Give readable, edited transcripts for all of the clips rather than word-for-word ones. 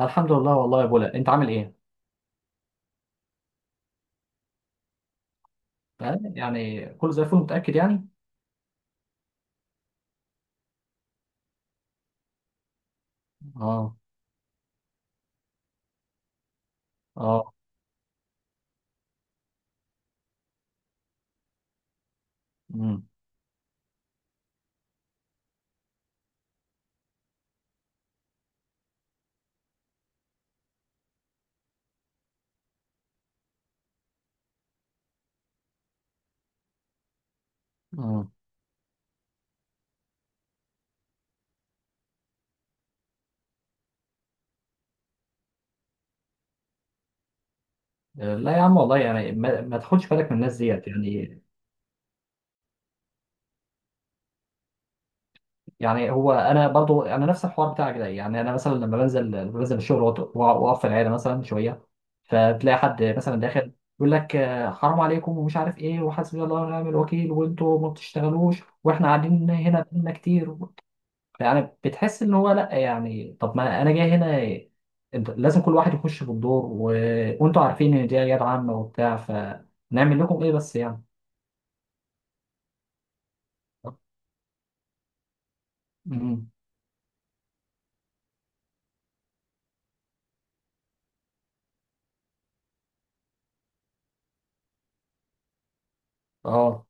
الحمد لله والله يا بولا، انت عامل ايه؟ آه، يعني كله زي الفل، متأكد يعني؟ اه. اه. امم. امم. آه، لا يا عم، والله يعني ما تاخدش بالك من الناس ديت يعني. يعني هو انا برضو انا نفس الحوار بتاعك ده، يعني انا مثلا لما بنزل الشغل، واقف في العياده مثلا شويه. فتلاقي حد مثلا داخل يقول لك: آه، حرام عليكم ومش عارف ايه، وحسبي الله ونعم الوكيل، وانتوا ما بتشتغلوش، واحنا قاعدين هنا بقالنا كتير. يعني بتحس ان هو، لا يعني طب ما انا جاي هنا، انت لازم كل واحد يخش في الدور وانتوا عارفين ان دي عيادة عامة وبتاع، فنعمل لكم ايه بس يعني. امم. اه.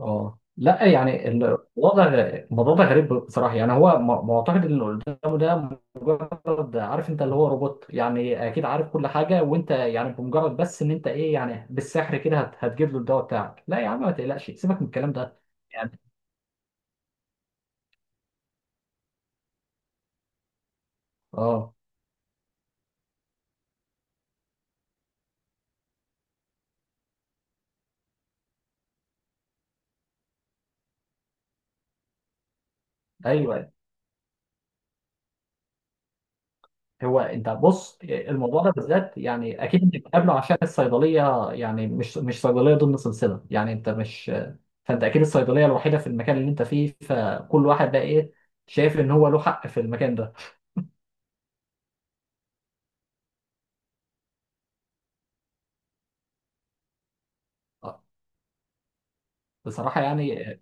اه، لا يعني الموضوع ده غريب بصراحه، يعني هو معتقد ان اللي قدامه ده، مجرد عارف انت اللي هو روبوت، يعني اكيد عارف كل حاجه، وانت يعني بمجرد بس ان انت ايه، يعني بالسحر كده هتجيب له الدواء بتاعك. لا يا عم، ما تقلقش، سيبك من الكلام ده، يعني. اه. ايوه. هو انت بص، الموضوع ده بالذات يعني اكيد انت بتقابله عشان الصيدليه، يعني مش صيدليه ضمن سلسله، يعني انت مش، فانت اكيد الصيدليه الوحيده في المكان اللي انت فيه، فكل واحد بقى ايه، شايف ان هو له حق في المكان ده. آه، بصراحه يعني،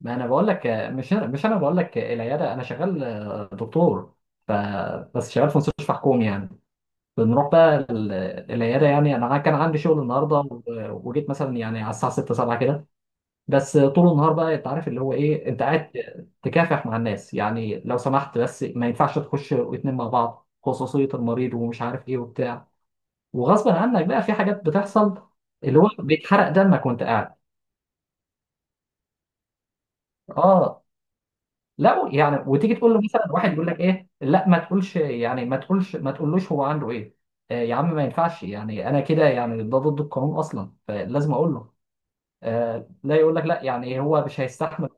ما انا بقول لك، مش انا بقول لك العياده، انا شغال دكتور. ف بس شغال في مستشفى حكومي يعني. بنروح بقى العياده، يعني انا كان عندي شغل النهارده وجيت مثلا يعني على الساعه 6 7 كده. بس طول النهار بقى انت عارف اللي هو ايه، انت قاعد تكافح مع الناس، يعني لو سمحت، بس ما ينفعش تخش واتنين مع بعض، خصوصية المريض ومش عارف ايه وبتاع، وغصب عنك بقى في حاجات بتحصل اللي هو بيتحرق دمك وانت قاعد. اه. لا يعني، وتيجي تقول له مثلا، واحد يقول لك: ايه، لا ما تقولش، يعني ما تقولش، ما تقولوش هو عنده ايه. آه يا عم، ما ينفعش يعني، انا كده يعني، ده ضد القانون اصلا، فلازم اقول له. آه، لا يقول لك لا، يعني هو مش هيستحمل.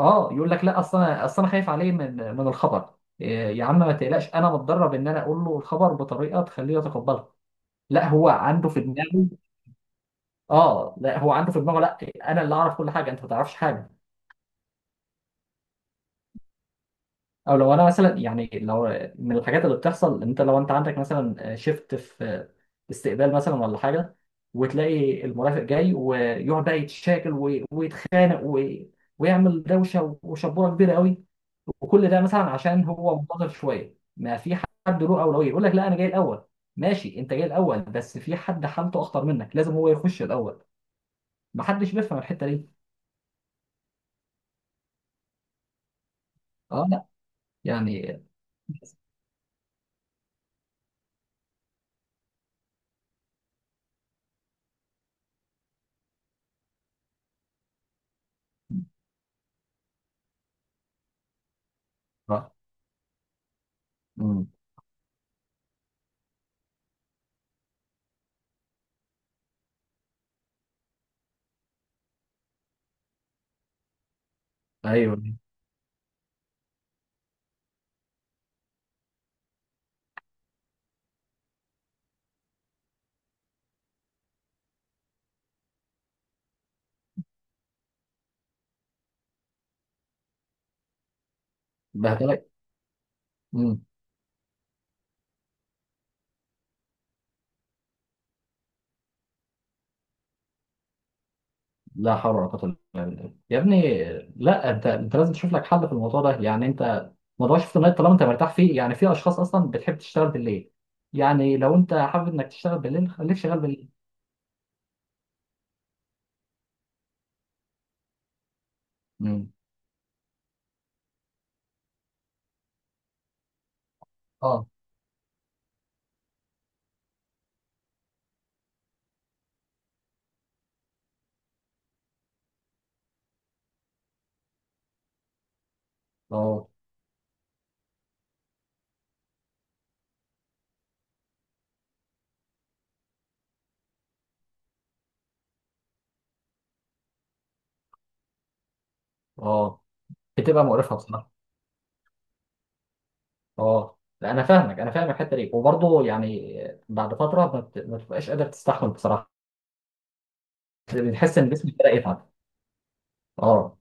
اه، يقول لك لا، اصل انا خايف عليه من الخبر. إيه يا عم، ما تقلقش، انا متدرب ان انا اقول له الخبر بطريقه تخليه يتقبلها. لا هو عنده في دماغه. اه، لا هو عنده في دماغه، لا، انا اللي اعرف كل حاجه، انت ما تعرفش حاجه. او لو انا مثلا، يعني لو، من الحاجات اللي بتحصل، انت لو انت عندك مثلا شيفت في استقبال مثلا ولا حاجه، وتلاقي المرافق جاي، ويقعد بقى يتشاكل ويتخانق ويعمل دوشه وشبوره كبيره قوي، وكل ده مثلا عشان هو منتظر شويه، ما في حد له اولويه. يقول لك: لا انا جاي الاول. ماشي، انت جاي الاول، بس في حد حالته اخطر منك، لازم هو يخش الاول. ما حدش بيفهم الحته دي. اه. لا يعني. آه. أمم. ايوه. بهدلك. أمم. لا حول ولا قوه الا بالله يا ابني. لا، انت لازم تشوف لك حل في الموضوع ده، يعني انت موضوع شفت النايت طالما انت مرتاح فيه، يعني في اشخاص اصلا بتحب تشتغل بالليل، يعني لو انت حابب انك تشتغل بالليل، خليك شغال بالليل. أمم. اه. اه. اه. بتبقى مقرفه بصراحه. اه، لا انا فاهمك، انا فاهم الحته دي، وبرضه يعني بعد فتره ما بتبقاش قادر تستحمل بصراحه، بتحس ان جسمك بدا يتعب. اه.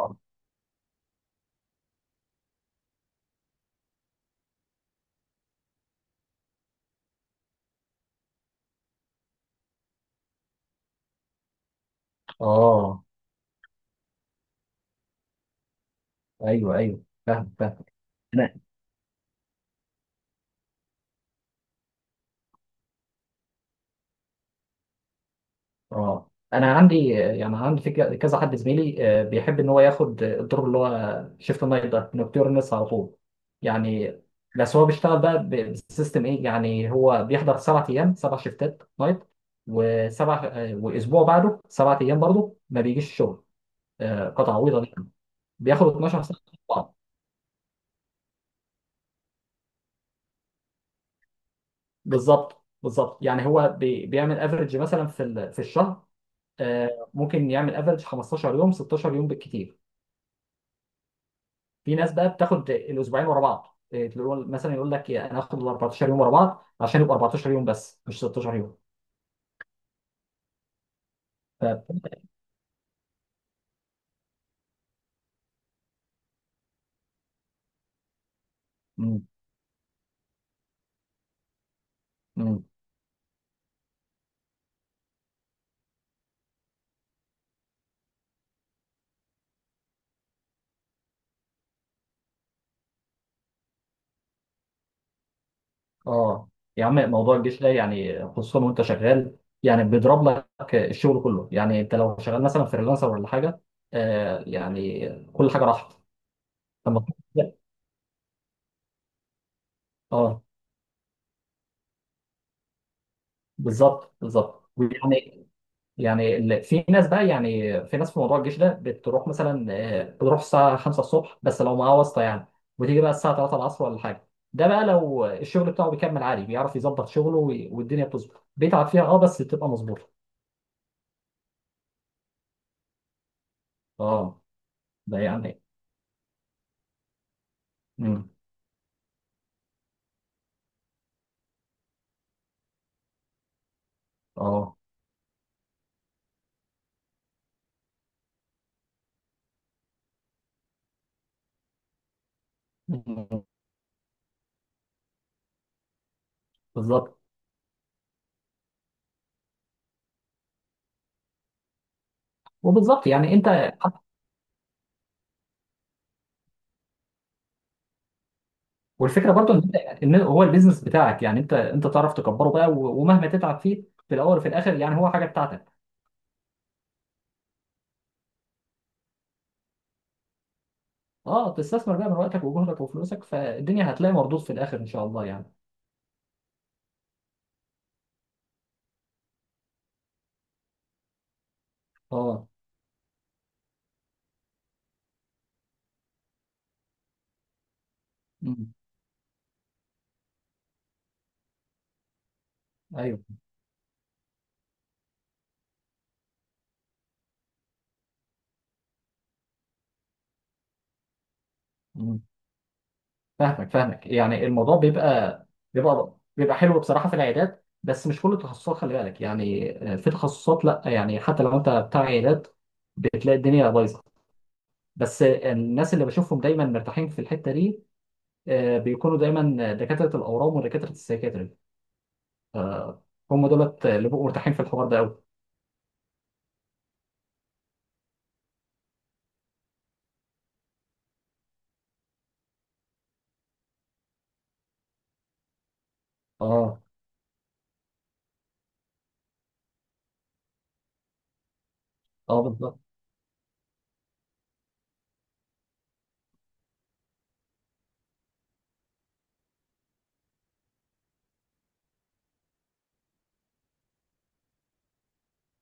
اه. آه. ايوه ايوه، فاهم فاهم. اه، انا عندي يعني عندي في كذا حد زميلي بيحب ان هو ياخد الدور اللي هو شيفت نايت ده، نوكتيرنس على طول يعني. بس هو بيشتغل بقى بسيستم ايه، يعني هو بيحضر سبع ايام، سبع شيفتات نايت، وسبع آه، واسبوع بعده سبع ايام برضه ما بيجيش الشغل، قطعه عويضه دي، بياخد 12 ساعه. طبعاً. بالظبط بالظبط، يعني هو بيعمل افريج مثلا في في الشهر، ممكن يعمل افريج 15 يوم، 16 يوم بالكتير. في ناس بقى بتاخد الاسبوعين ورا بعض، تقول مثلا يقول لك: انا هاخد ال 14 يوم ورا بعض، عشان يبقى 14 يوم بس مش 16 يوم. ف... مم. مم. اه يا عم، موضوع الجيش ده يعني، خصوصا وانت شغال، يعني بيضرب لك الشغل كله، يعني انت لو شغال مثلا فريلانسر ولا حاجه، آه، يعني كل حاجه راحت. لما اه، بالظبط بالظبط، يعني في ناس بقى، يعني في ناس في موضوع الجيش ده، بتروح مثلا آه، بتروح الساعة 5 الصبح، بس لو معاه واسطة يعني، وتيجي بقى الساعة 3 العصر ولا حاجة. ده بقى لو الشغل بتاعه بيكمل عادي، بيعرف يظبط شغله والدنيا بتظبط، بيتعب فيها بس بتبقى مظبوطة. اه. ده يعني. مم. اه. مم. بالظبط، وبالظبط يعني انت، والفكره برضو ان انت يعني، ان هو البيزنس بتاعك، يعني انت تعرف تكبره بقى، ومهما تتعب فيه في الاول وفي الاخر، يعني هو حاجه بتاعتك. اه، تستثمر بقى من وقتك وجهدك وفلوسك، فالدنيا هتلاقي مردود في الاخر ان شاء الله يعني. اه. امم. ايوه. امم. فاهمك فاهمك، يعني الموضوع بيبقى حلو بصراحه في العيادات، بس مش كل التخصصات، خلي بالك يعني في تخصصات لا، يعني حتى لو انت بتاع عيادات بتلاقي الدنيا بايظه، بس الناس اللي بشوفهم دايما مرتاحين في الحته دي بيكونوا دايما دكاتره الاورام ودكاتره السيكاتري، هم دولت اللي بيبقوا مرتاحين في الحوار ده قوي. اه. اه. بالظبط.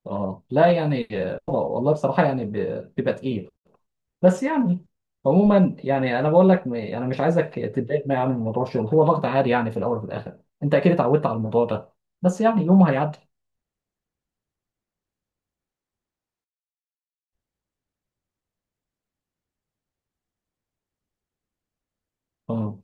اه، لا يعني والله بصراحة يعني بيبقى تقيل، بس يعني عموما يعني، انا بقول لك انا مش عايزك تتضايق معايا من موضوع الشغل، هو ضغط عادي يعني، في الاول وفي الاخر انت اكيد اتعودت على الموضوع ده، بس يعني يومه هيعدي. آه.